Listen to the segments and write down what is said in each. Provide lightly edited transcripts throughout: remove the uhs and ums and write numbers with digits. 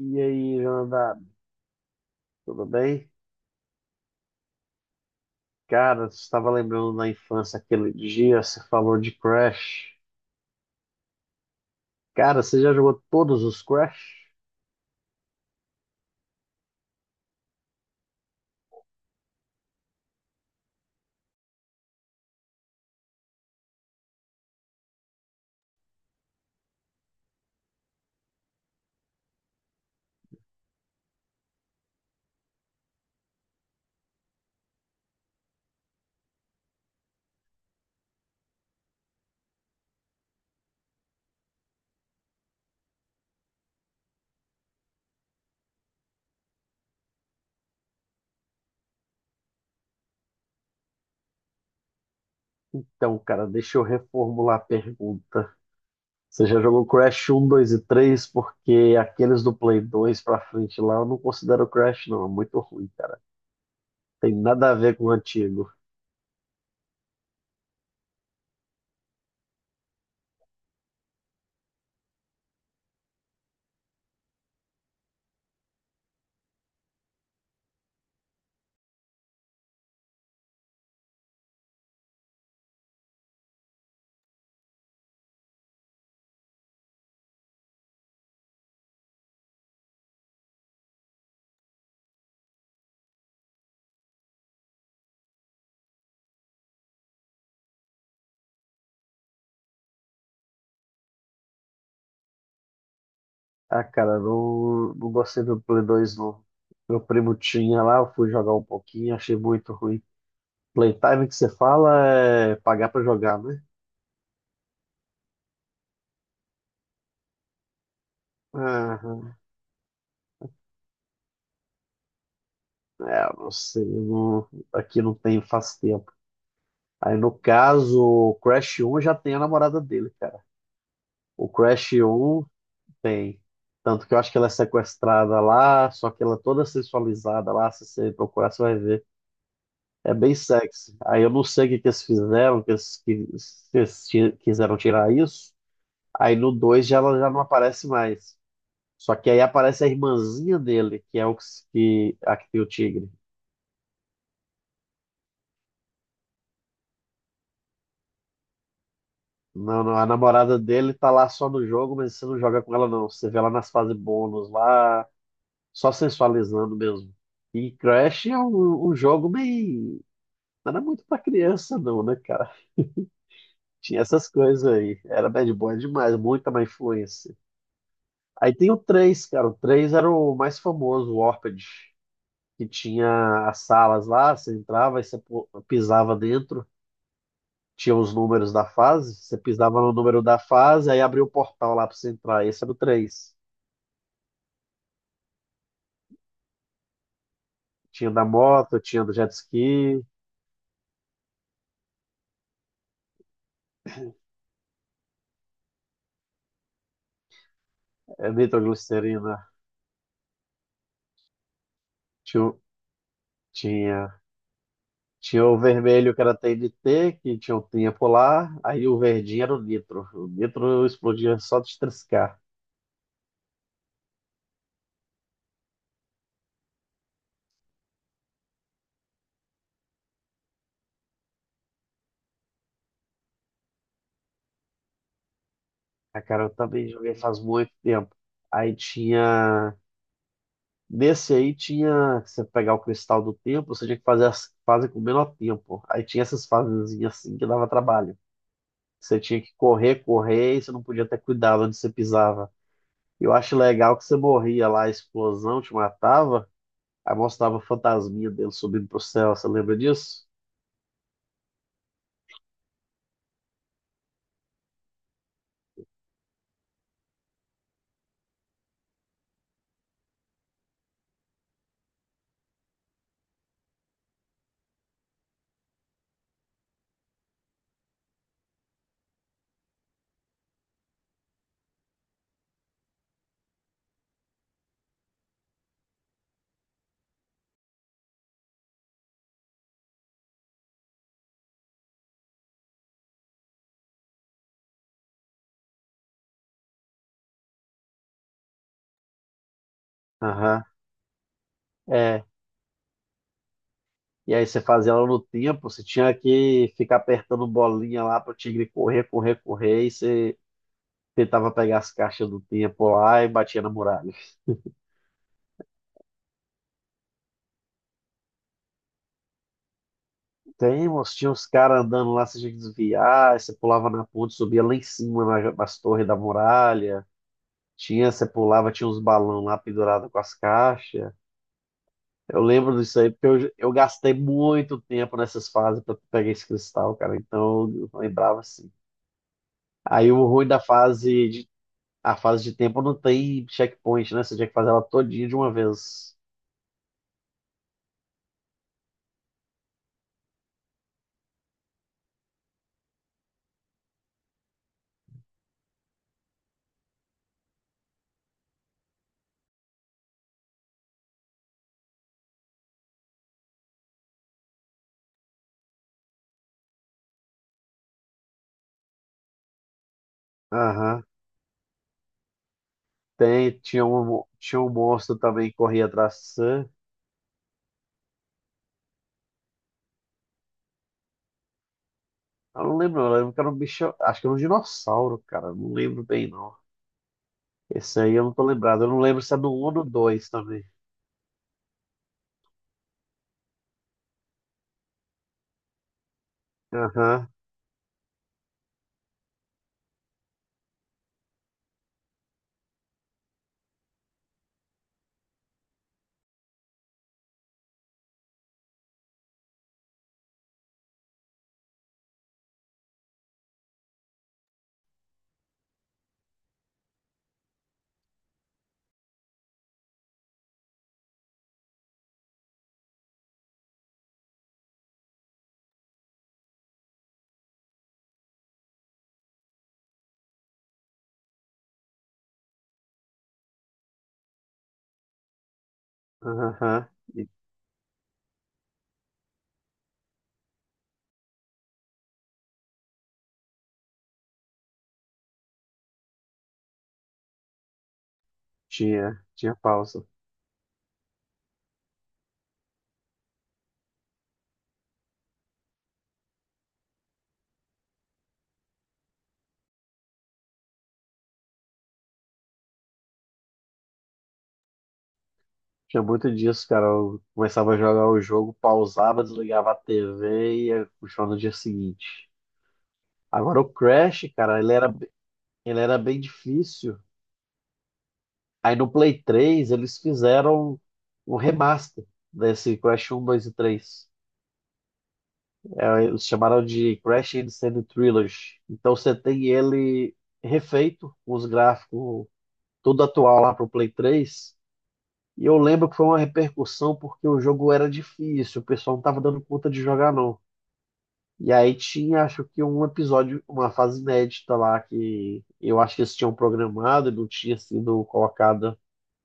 E aí, Jonathan, tudo bem? Cara, você estava lembrando na infância aquele dia, você falou de Crash. Cara, você já jogou todos os Crash? Então, cara, deixa eu reformular a pergunta. Você já jogou Crash um, 2 e 3? Porque aqueles do Play 2 pra frente lá eu não considero Crash, não. É muito ruim, cara. Tem nada a ver com o antigo. Ah, cara, não, não gostei do Play 2, não. Meu primo tinha lá, eu fui jogar um pouquinho, achei muito ruim. Playtime que você fala é pagar pra jogar, né? Aham. É, eu não sei, eu aqui não tem faz tempo. Aí no caso, o Crash 1 já tem a namorada dele, cara. O Crash 1 tem. Tanto que eu acho que ela é sequestrada lá, só que ela é toda sensualizada lá, se você procurar, você vai ver. É bem sexy. Aí eu não sei o que que eles fizeram, se eles quiseram tirar isso. Aí no 2 já, ela já não aparece mais. Só que aí aparece a irmãzinha dele, que é o que, que- a que tem o tigre. Não, não, a namorada dele tá lá só no jogo, mas você não joga com ela, não. Você vê ela nas fases bônus, lá, só sensualizando mesmo. E Crash é um jogo meio. Não era muito pra criança, não, né, cara? Tinha essas coisas aí. Era bad boy demais, muita má influência. Aí tem o três, cara. O 3 era o mais famoso, o Orpid, que tinha as salas lá, você entrava e você pisava dentro. Tinha os números da fase, você pisava no número da fase, aí abria o portal lá para você entrar. Esse era o três. Tinha da moto, tinha do jet ski, é, nitroglicerina, tinha, o- tinha, tinha o vermelho que era TNT, que tinha o, tinha polar, aí o verdinho era o nitro. O nitro explodia só de triscar. Ah, cara, eu também joguei faz muito tempo. Aí tinha. Nesse aí tinha. Você pegar o cristal do tempo, você tinha que fazer as fases com o menor tempo. Aí tinha essas fasezinhas assim que dava trabalho. Você tinha que correr, correr, e você não podia ter cuidado onde você pisava. Eu acho legal que você morria lá, a explosão te matava, aí mostrava a fantasminha dele subindo pro céu, você lembra disso? Aham, é. E aí você fazia ela no tempo, você tinha que ficar apertando bolinha lá pro tigre correr, correr, correr, e você tentava pegar as caixas do tempo lá e batia na muralha. Tem, moço, tinha uns caras andando lá, você tinha que desviar, aí você pulava na ponte, subia lá em cima nas torres da muralha. Tinha, você pulava, tinha uns balão lá pendurado com as caixas. Eu lembro disso aí, porque eu gastei muito tempo nessas fases para pegar esse cristal, cara. Então eu lembrava assim. Aí o ruim da fase de, A fase de tempo não tem checkpoint, né? Você tinha que fazer ela todinha de uma vez. Aham. Tem, tinha um monstro também que corria atrás de você. Eu não lembro, eu lembro que era um bicho. Acho que era um dinossauro, cara. Não lembro bem, não. Esse aí eu não tô lembrado. Eu não lembro se é do um ou do 2 também. Aham. Aham, e tinha, tinha pausa. Tinha muito disso, cara. Eu começava a jogar o jogo, pausava, desligava a TV e ia puxar no dia seguinte. Agora o Crash, cara, ele era bem difícil. Aí no Play 3 eles fizeram um remaster desse Crash um, 2 e três. Eles chamaram de Crash Insane Trilogy. Então você tem ele refeito, com os gráficos tudo atual lá pro Play 3. E eu lembro que foi uma repercussão porque o jogo era difícil, o pessoal não estava dando conta de jogar, não. E aí tinha, acho que um episódio, uma fase inédita lá que eu acho que eles tinham programado e não tinha sido colocada.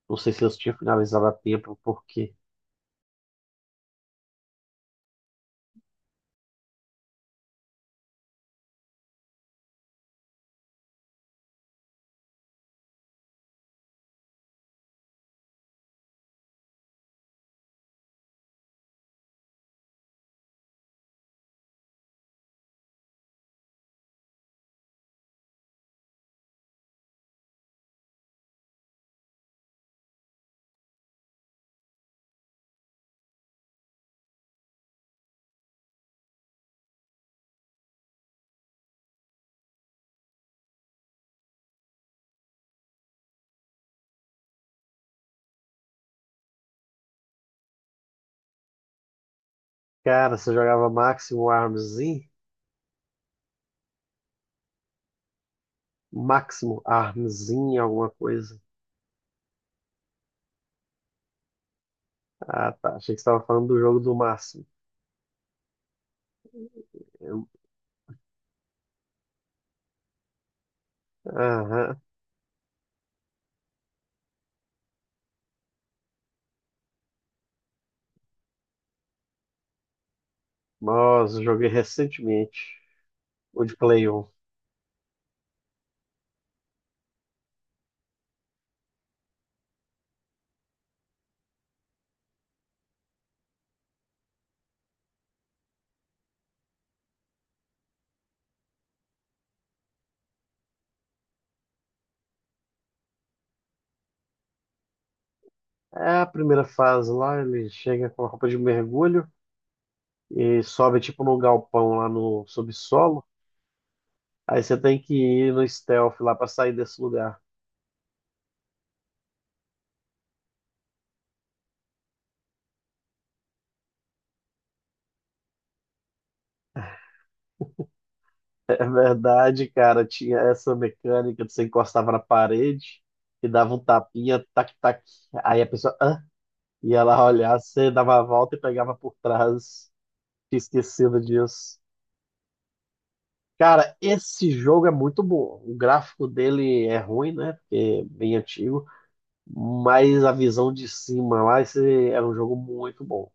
Não sei se eles tinham finalizado a tempo, porque cara, você jogava Máximo Armzinho? Máximo Armzinho, alguma coisa. Ah, tá. Achei que você estava falando do jogo do Máximo. Eu- Aham. Nossa, eu joguei recentemente. O de Play 1. É a primeira fase lá, ele chega com a roupa de mergulho e sobe tipo num galpão lá no subsolo. Aí você tem que ir no stealth lá pra sair desse lugar. É verdade, cara, tinha essa mecânica de você encostava na parede e dava um tapinha, tac, tac. Aí a pessoa Hã? Ia lá olhar, você dava a volta e pegava por trás. Tinha esquecido disso. Cara, esse jogo é muito bom. O gráfico dele é ruim, né? Porque é bem antigo. Mas a visão de cima lá, esse era um jogo muito bom.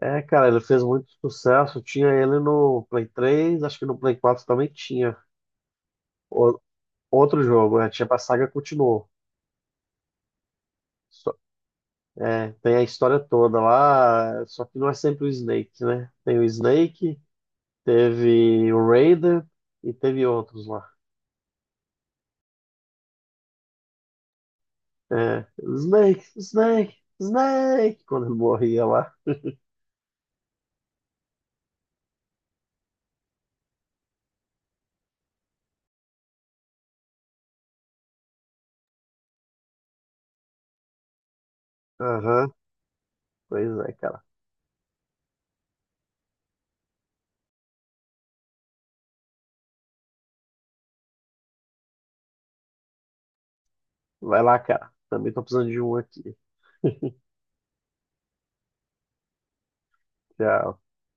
É, cara, ele fez muito sucesso. Tinha ele no Play três, acho que no Play 4 também tinha. O- outro jogo, né? Tinha pra, saga continuou. Só- é, tem a história toda lá, só que não é sempre o Snake, né? Tem o Snake, teve o Raiden e teve outros lá. É, Snake, Snake, Snake, quando ele morria lá. Aham, pois é, cara. Vai lá, cara. Também tô precisando de um aqui. Tchau.